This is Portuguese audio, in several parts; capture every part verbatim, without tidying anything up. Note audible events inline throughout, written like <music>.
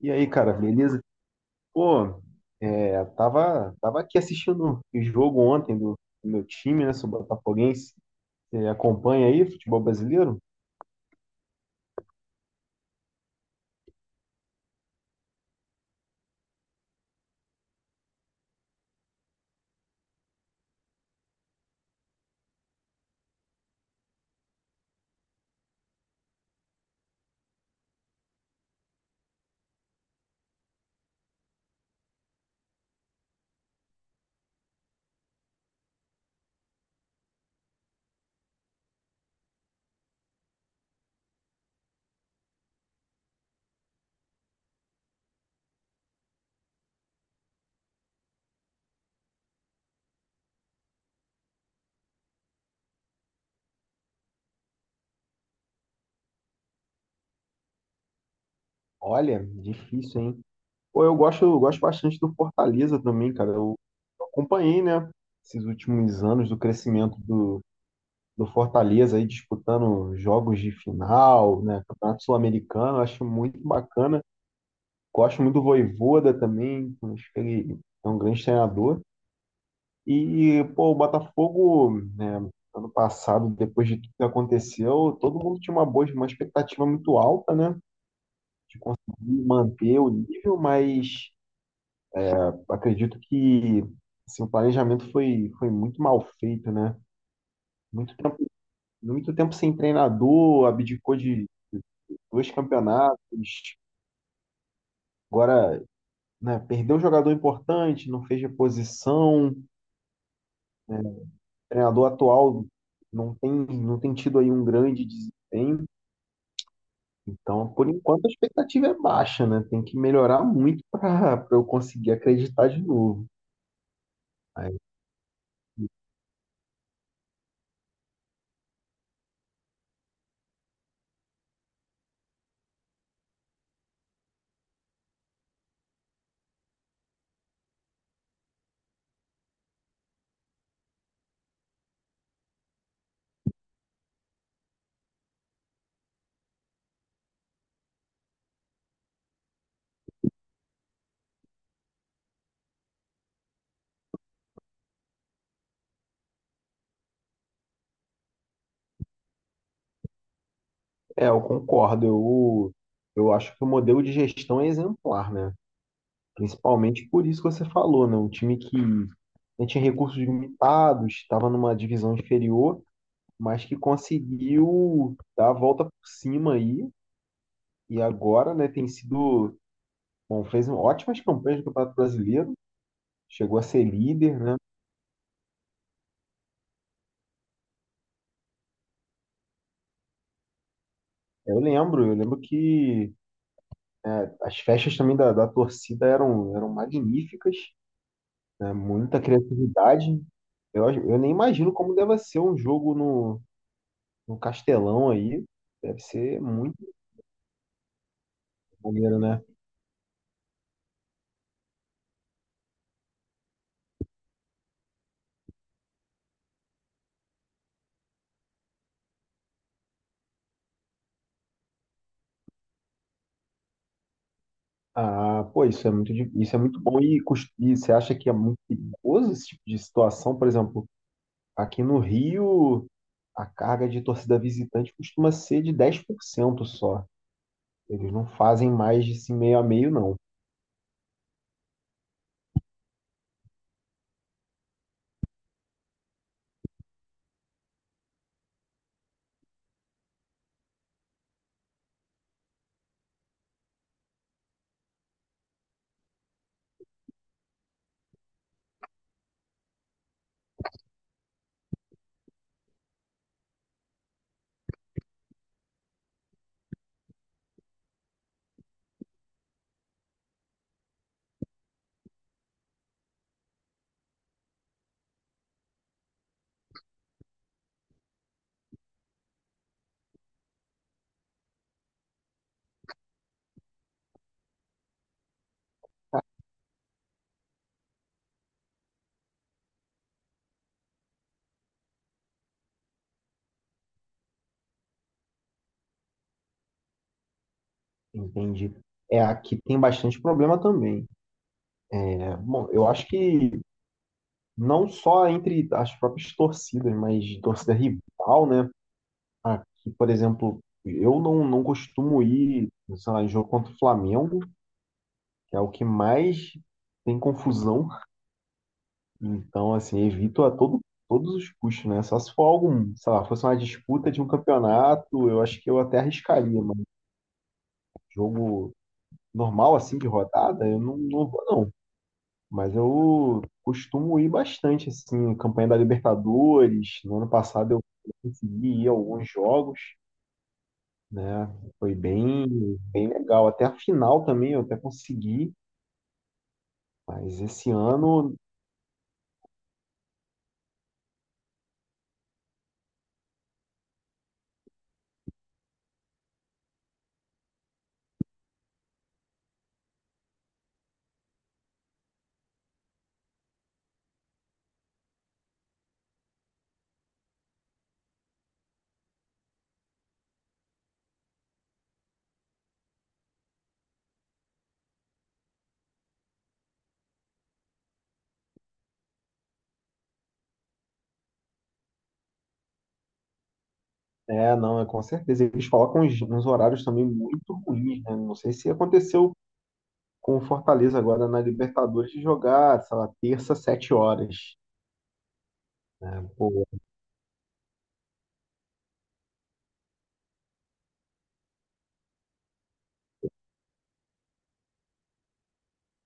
E aí, cara, beleza? Pô, é, tava, tava aqui assistindo o jogo ontem do, do meu time, né? Sou botafoguense. Você acompanha aí futebol brasileiro? Olha, difícil, hein? Pô, eu gosto, eu gosto bastante do Fortaleza também, cara. Eu acompanhei, né? Esses últimos anos do crescimento do, do Fortaleza aí disputando jogos de final, né? Campeonato Sul-Americano, eu acho muito bacana. Gosto muito do Vojvoda também, acho que ele é um grande treinador. E, pô, o Botafogo, né, ano passado, depois de tudo que aconteceu, todo mundo tinha uma boa, uma expectativa muito alta, né? De conseguir manter o nível, mas acredito que assim, o planejamento foi, foi muito mal feito, né? Muito tempo, muito tempo sem treinador, abdicou de dois campeonatos, agora, né, perdeu um jogador importante, não fez reposição, o treinador atual não tem, não tem tido aí um grande desempenho. Então, por enquanto, a expectativa é baixa, né? Tem que melhorar muito para eu conseguir acreditar de novo. Aí, é, eu concordo. Eu, eu acho que o modelo de gestão é exemplar, né? Principalmente por isso que você falou, né? Um time que não tinha recursos limitados, estava numa divisão inferior, mas que conseguiu dar a volta por cima aí. E agora, né, tem sido. Bom, fez um ótimas campanhas no Campeonato Brasileiro, chegou a ser líder, né? Eu lembro, eu lembro que É, As festas também da, da torcida eram, eram magníficas, né? Muita criatividade. Eu, acho- eu nem imagino como deve ser um jogo no, no Castelão aí. Deve ser muito maneiro, né? Ah, pô, isso é muito, di- isso é muito bom. E, cus- e você acha que é muito perigoso esse tipo de situação? Por exemplo, aqui no Rio, a carga de torcida visitante costuma ser de dez por cento só. Eles não fazem mais de assim, meio a meio, não. Entendi. É, aqui tem bastante problema também. Bom, eu acho que não só entre as próprias torcidas, mas torcida rival, né? Aqui, por exemplo, eu não, não costumo ir, sei lá, em jogo contra o Flamengo, que é o que mais tem confusão. Então, assim, evito a todo, todos os custos, né? Só se for algum, sei lá, fosse uma disputa de um campeonato, eu acho que eu até arriscaria, mas jogo normal, assim, de rodada, eu não, não vou, não. Mas eu costumo ir bastante, assim, campanha da Libertadores. No ano passado eu consegui ir a alguns jogos, né? Foi bem, bem legal. Até a final também eu até consegui. Mas esse ano, é, não, é com certeza. Eles colocam uns, uns horários também muito ruins, né? Não sei se aconteceu com o Fortaleza agora na Libertadores de jogar, sei lá, terça, sete horas, né? Pô,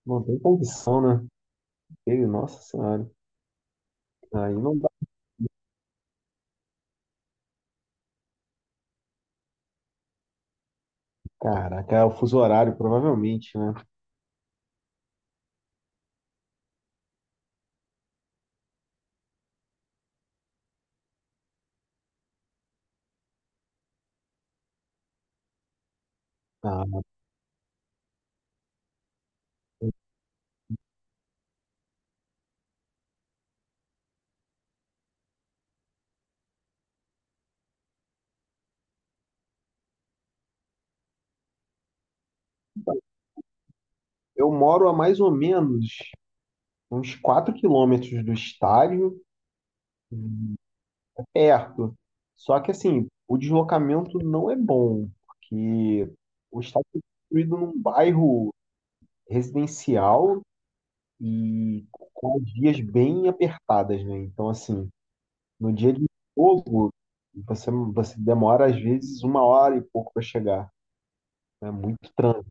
não tem condição, né? Ele, nossa senhora, aí não dá. Caraca, é o fuso horário, provavelmente, né? Ah, eu moro a mais ou menos uns quatro quilômetros do estádio, perto. Só que, assim, o deslocamento não é bom, porque o estádio foi construído num bairro residencial e com as vias bem apertadas, né? Então, assim, no dia de jogo, você, você demora, às vezes, uma hora e pouco para chegar. É muito trânsito.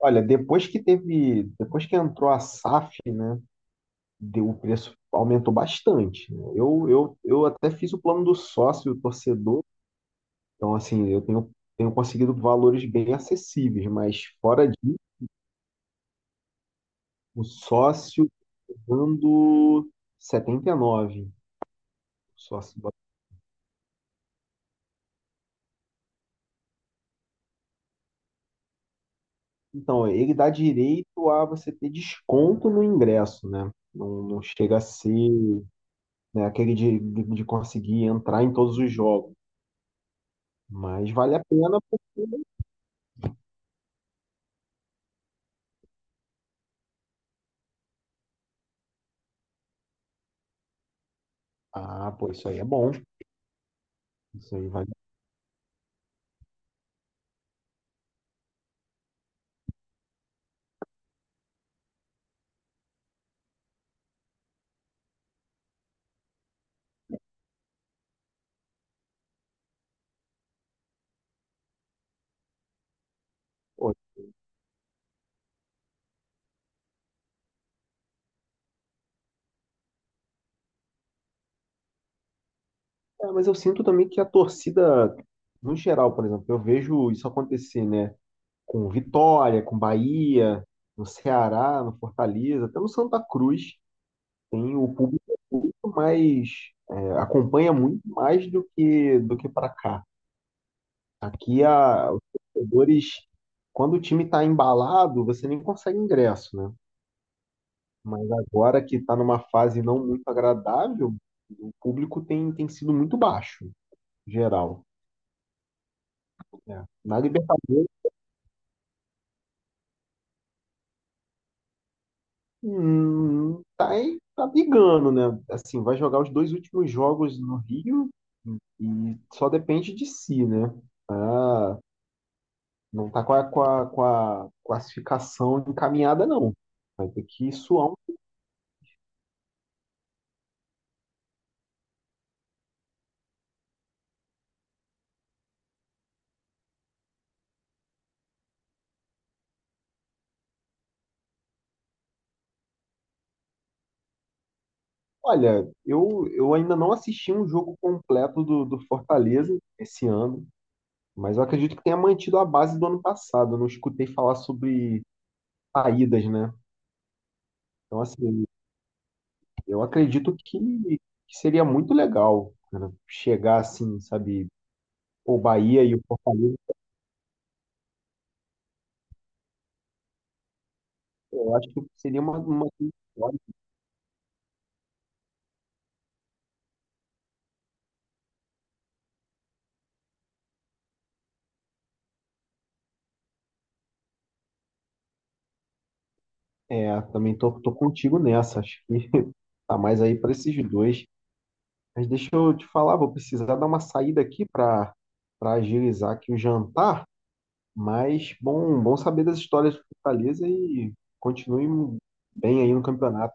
Olha, depois que teve, depois que entrou a SAF, né, deu, o preço aumentou bastante, né? Eu, eu, eu até fiz o plano do sócio, do torcedor, então assim, eu tenho, tenho conseguido valores bem acessíveis, mas fora disso, o sócio dando setenta e nove, o sócio. Então, ele dá direito a você ter desconto no ingresso, né? Não, não chega a ser, né, aquele de, de de conseguir entrar em todos os jogos. Mas vale a pena. Ah, pô, isso aí é bom. Isso aí vale. Pô, é, mas eu sinto também que a torcida, no geral, por exemplo, eu vejo isso acontecer, né? Com Vitória, com Bahia, no Ceará, no Fortaleza, até no Santa Cruz, tem o público muito mais, é, acompanha muito mais do que do que para cá. Aqui a, os torcedores, quando o time está embalado, você nem consegue ingresso, né? Mas agora que está numa fase não muito agradável, o público tem, tem sido muito baixo, geral, né? Na Libertadores, hum, tá, aí- tá brigando, né? Assim, vai jogar os dois últimos jogos no Rio e só depende de si, né? Ah, não tá com a, com a, com a classificação encaminhada, não. Vai ter que suar um. Olha, eu, eu ainda não assisti um jogo completo do, do Fortaleza esse ano. Mas eu acredito que tenha mantido a base do ano passado. Eu não escutei falar sobre saídas, né? Então, assim, eu acredito que, que seria muito legal, cara, chegar assim, sabe, o Bahia e o Fortaleza. Eu acho que seria uma, uma... É, também tô, tô contigo nessa. Acho que <laughs> tá mais aí para esses dois. Mas deixa eu te falar, vou precisar dar uma saída aqui para para agilizar aqui o jantar. Mas bom, bom saber das histórias do Fortaleza e continue bem aí no campeonato.